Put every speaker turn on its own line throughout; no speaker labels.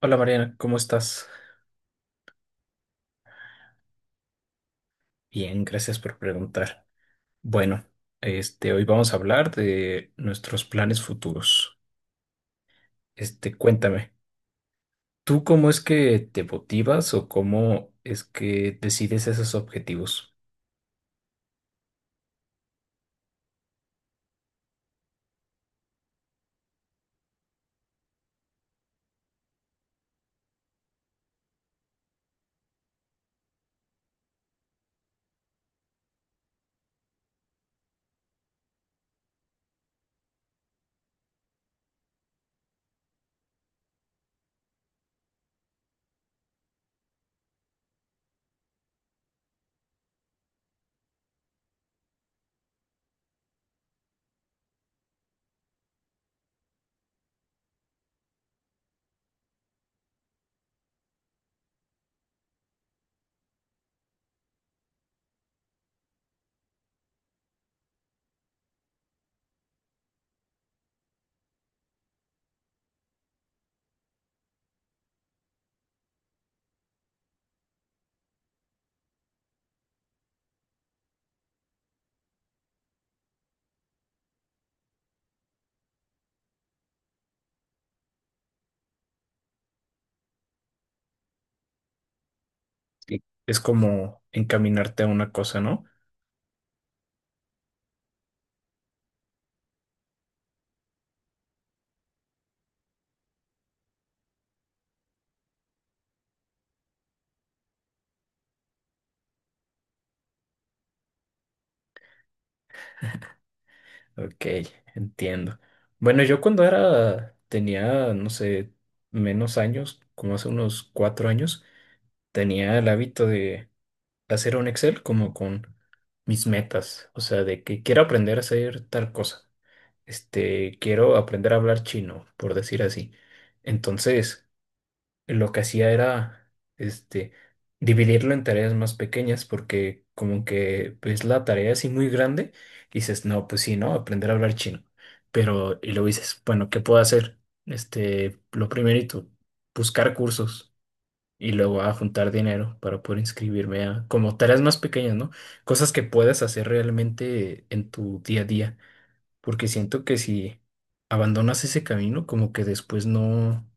Hola Mariana, ¿cómo estás? Bien, gracias por preguntar. Bueno, hoy vamos a hablar de nuestros planes futuros. Cuéntame, ¿tú cómo es que te motivas o cómo es que decides esos objetivos? Sí. Es como encaminarte a una cosa, ¿no? Ok, entiendo. Bueno, yo cuando era, tenía, no sé, menos años, como hace unos 4 años, tenía el hábito de hacer un Excel como con mis metas, o sea, de que quiero aprender a hacer tal cosa, quiero aprender a hablar chino, por decir así. Entonces, lo que hacía era, este, dividirlo en tareas más pequeñas porque como que ves la tarea así muy grande y dices, no, pues sí, ¿no? Aprender a hablar chino. Pero, y luego dices, bueno, ¿qué puedo hacer? Lo primerito, buscar cursos y luego a juntar dinero para poder inscribirme a como tareas más pequeñas, ¿no? Cosas que puedas hacer realmente en tu día a día, porque siento que si abandonas ese camino, como que después no,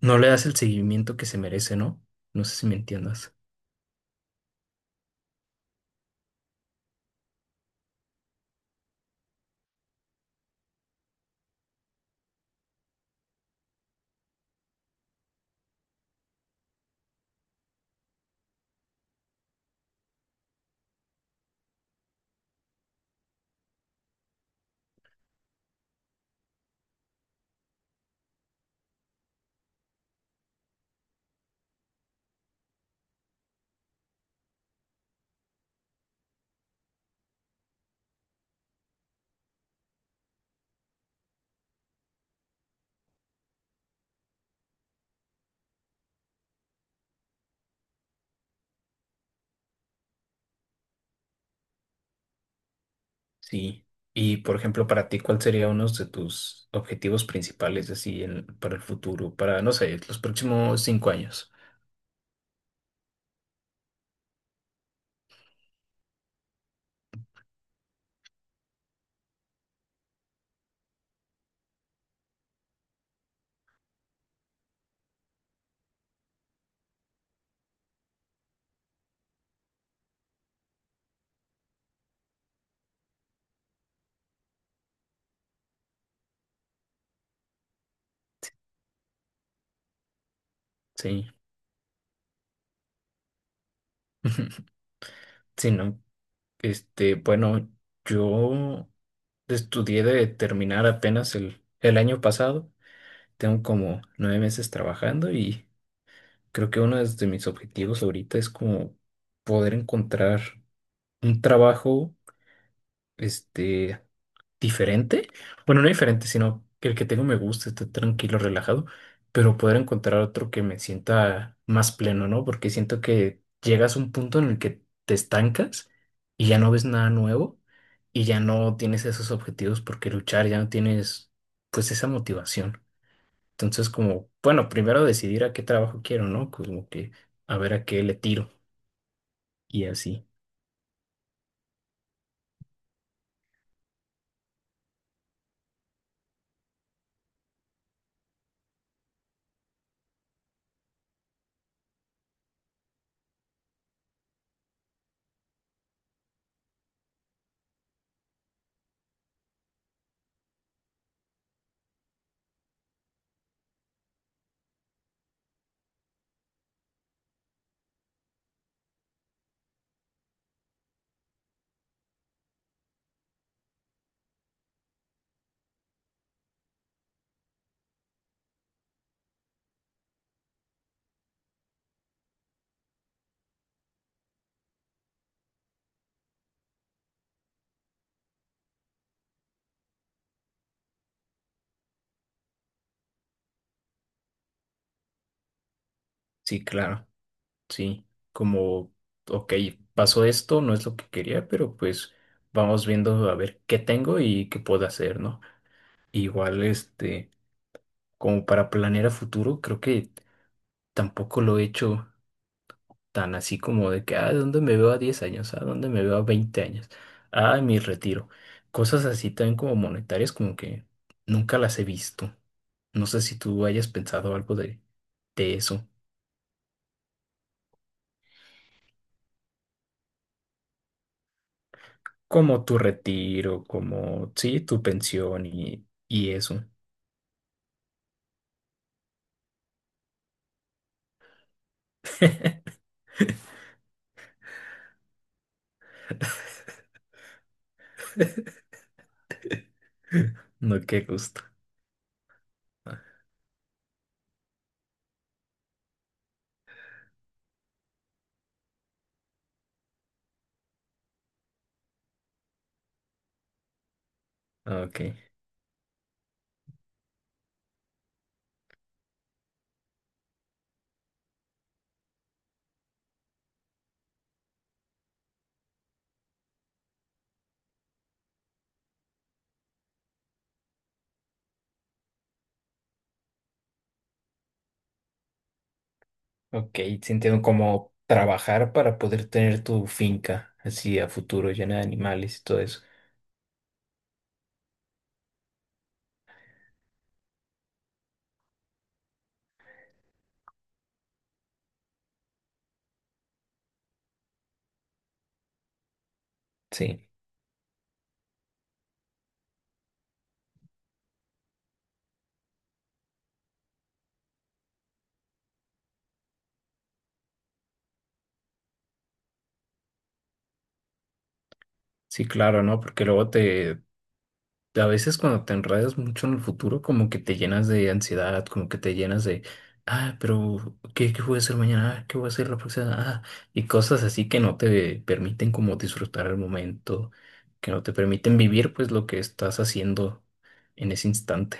no le das el seguimiento que se merece, ¿no? No sé si me entiendas. Sí. Y por ejemplo, para ti, ¿cuál sería uno de tus objetivos principales así para el futuro, para, no sé, los próximos 5 años? Sí. Sí, no. Bueno, yo estudié de terminar apenas el año pasado. Tengo como 9 meses trabajando y creo que uno de mis objetivos ahorita es como poder encontrar un trabajo, este, diferente. Bueno, no diferente, sino que el que tengo me gusta, esté tranquilo, relajado, pero poder encontrar otro que me sienta más pleno, ¿no? Porque siento que llegas a un punto en el que te estancas y ya no ves nada nuevo y ya no tienes esos objetivos por qué luchar, ya no tienes pues esa motivación. Entonces, como, bueno, primero decidir a qué trabajo quiero, ¿no? Como que a ver a qué le tiro y así. Sí, claro. Sí, como, ok, pasó esto, no es lo que quería, pero pues vamos viendo a ver qué tengo y qué puedo hacer, ¿no? Igual, como para planear a futuro, creo que tampoco lo he hecho tan así como de que, ah, ¿dónde me veo a 10 años? ¿A dónde me veo a 20 años? Ah, mi retiro. Cosas así también como monetarias, como que nunca las he visto. No sé si tú hayas pensado algo de eso. Como tu retiro, como, sí, tu pensión y eso. No, qué gusto. Ah, ok, ok, entiendo como trabajar para poder tener tu finca así a futuro llena de animales y todo eso. Sí, sí, claro, ¿no? A veces cuando te enredas mucho en el futuro, como que te llenas de ansiedad, como que te llenas de, ah, pero ¿qué, qué voy a hacer mañana? Ah, ¿qué voy a hacer la próxima? Ah, y cosas así que no te permiten como disfrutar el momento, que no te permiten vivir pues lo que estás haciendo en ese instante.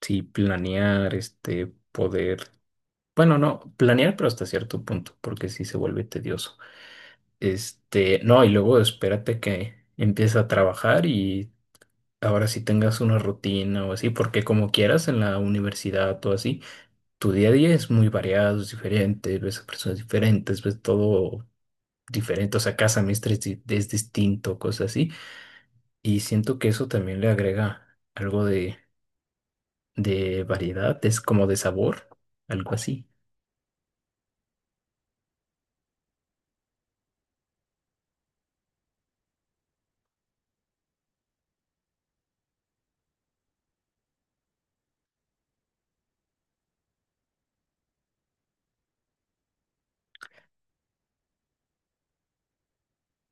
Sí, planear, poder, bueno, no, planear pero hasta cierto punto, porque sí se vuelve tedioso. No, y luego espérate que empieza a trabajar y ahora sí tengas una rutina o así, porque como quieras en la universidad o así, tu día a día es muy variado, es diferente, ves a personas diferentes, ves todo diferente, o sea, cada semestre es, es distinto, cosas así, y siento que eso también le agrega algo de variedad, es como de sabor, algo así.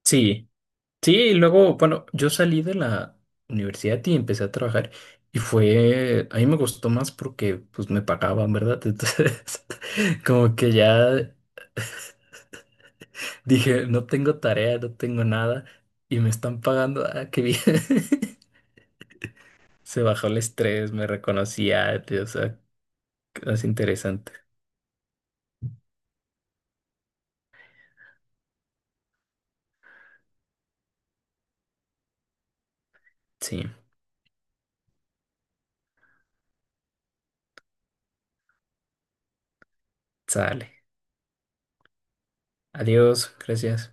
Sí, sí, y luego, bueno, yo salí de la universidad y empecé a trabajar y fue, a mí me gustó más porque pues me pagaban, ¿verdad? Entonces, como que ya dije, no tengo tarea, no tengo nada y me están pagando, ah, qué bien. Se bajó el estrés, me reconocía, o sea, es interesante. Sí, sale. Adiós, gracias.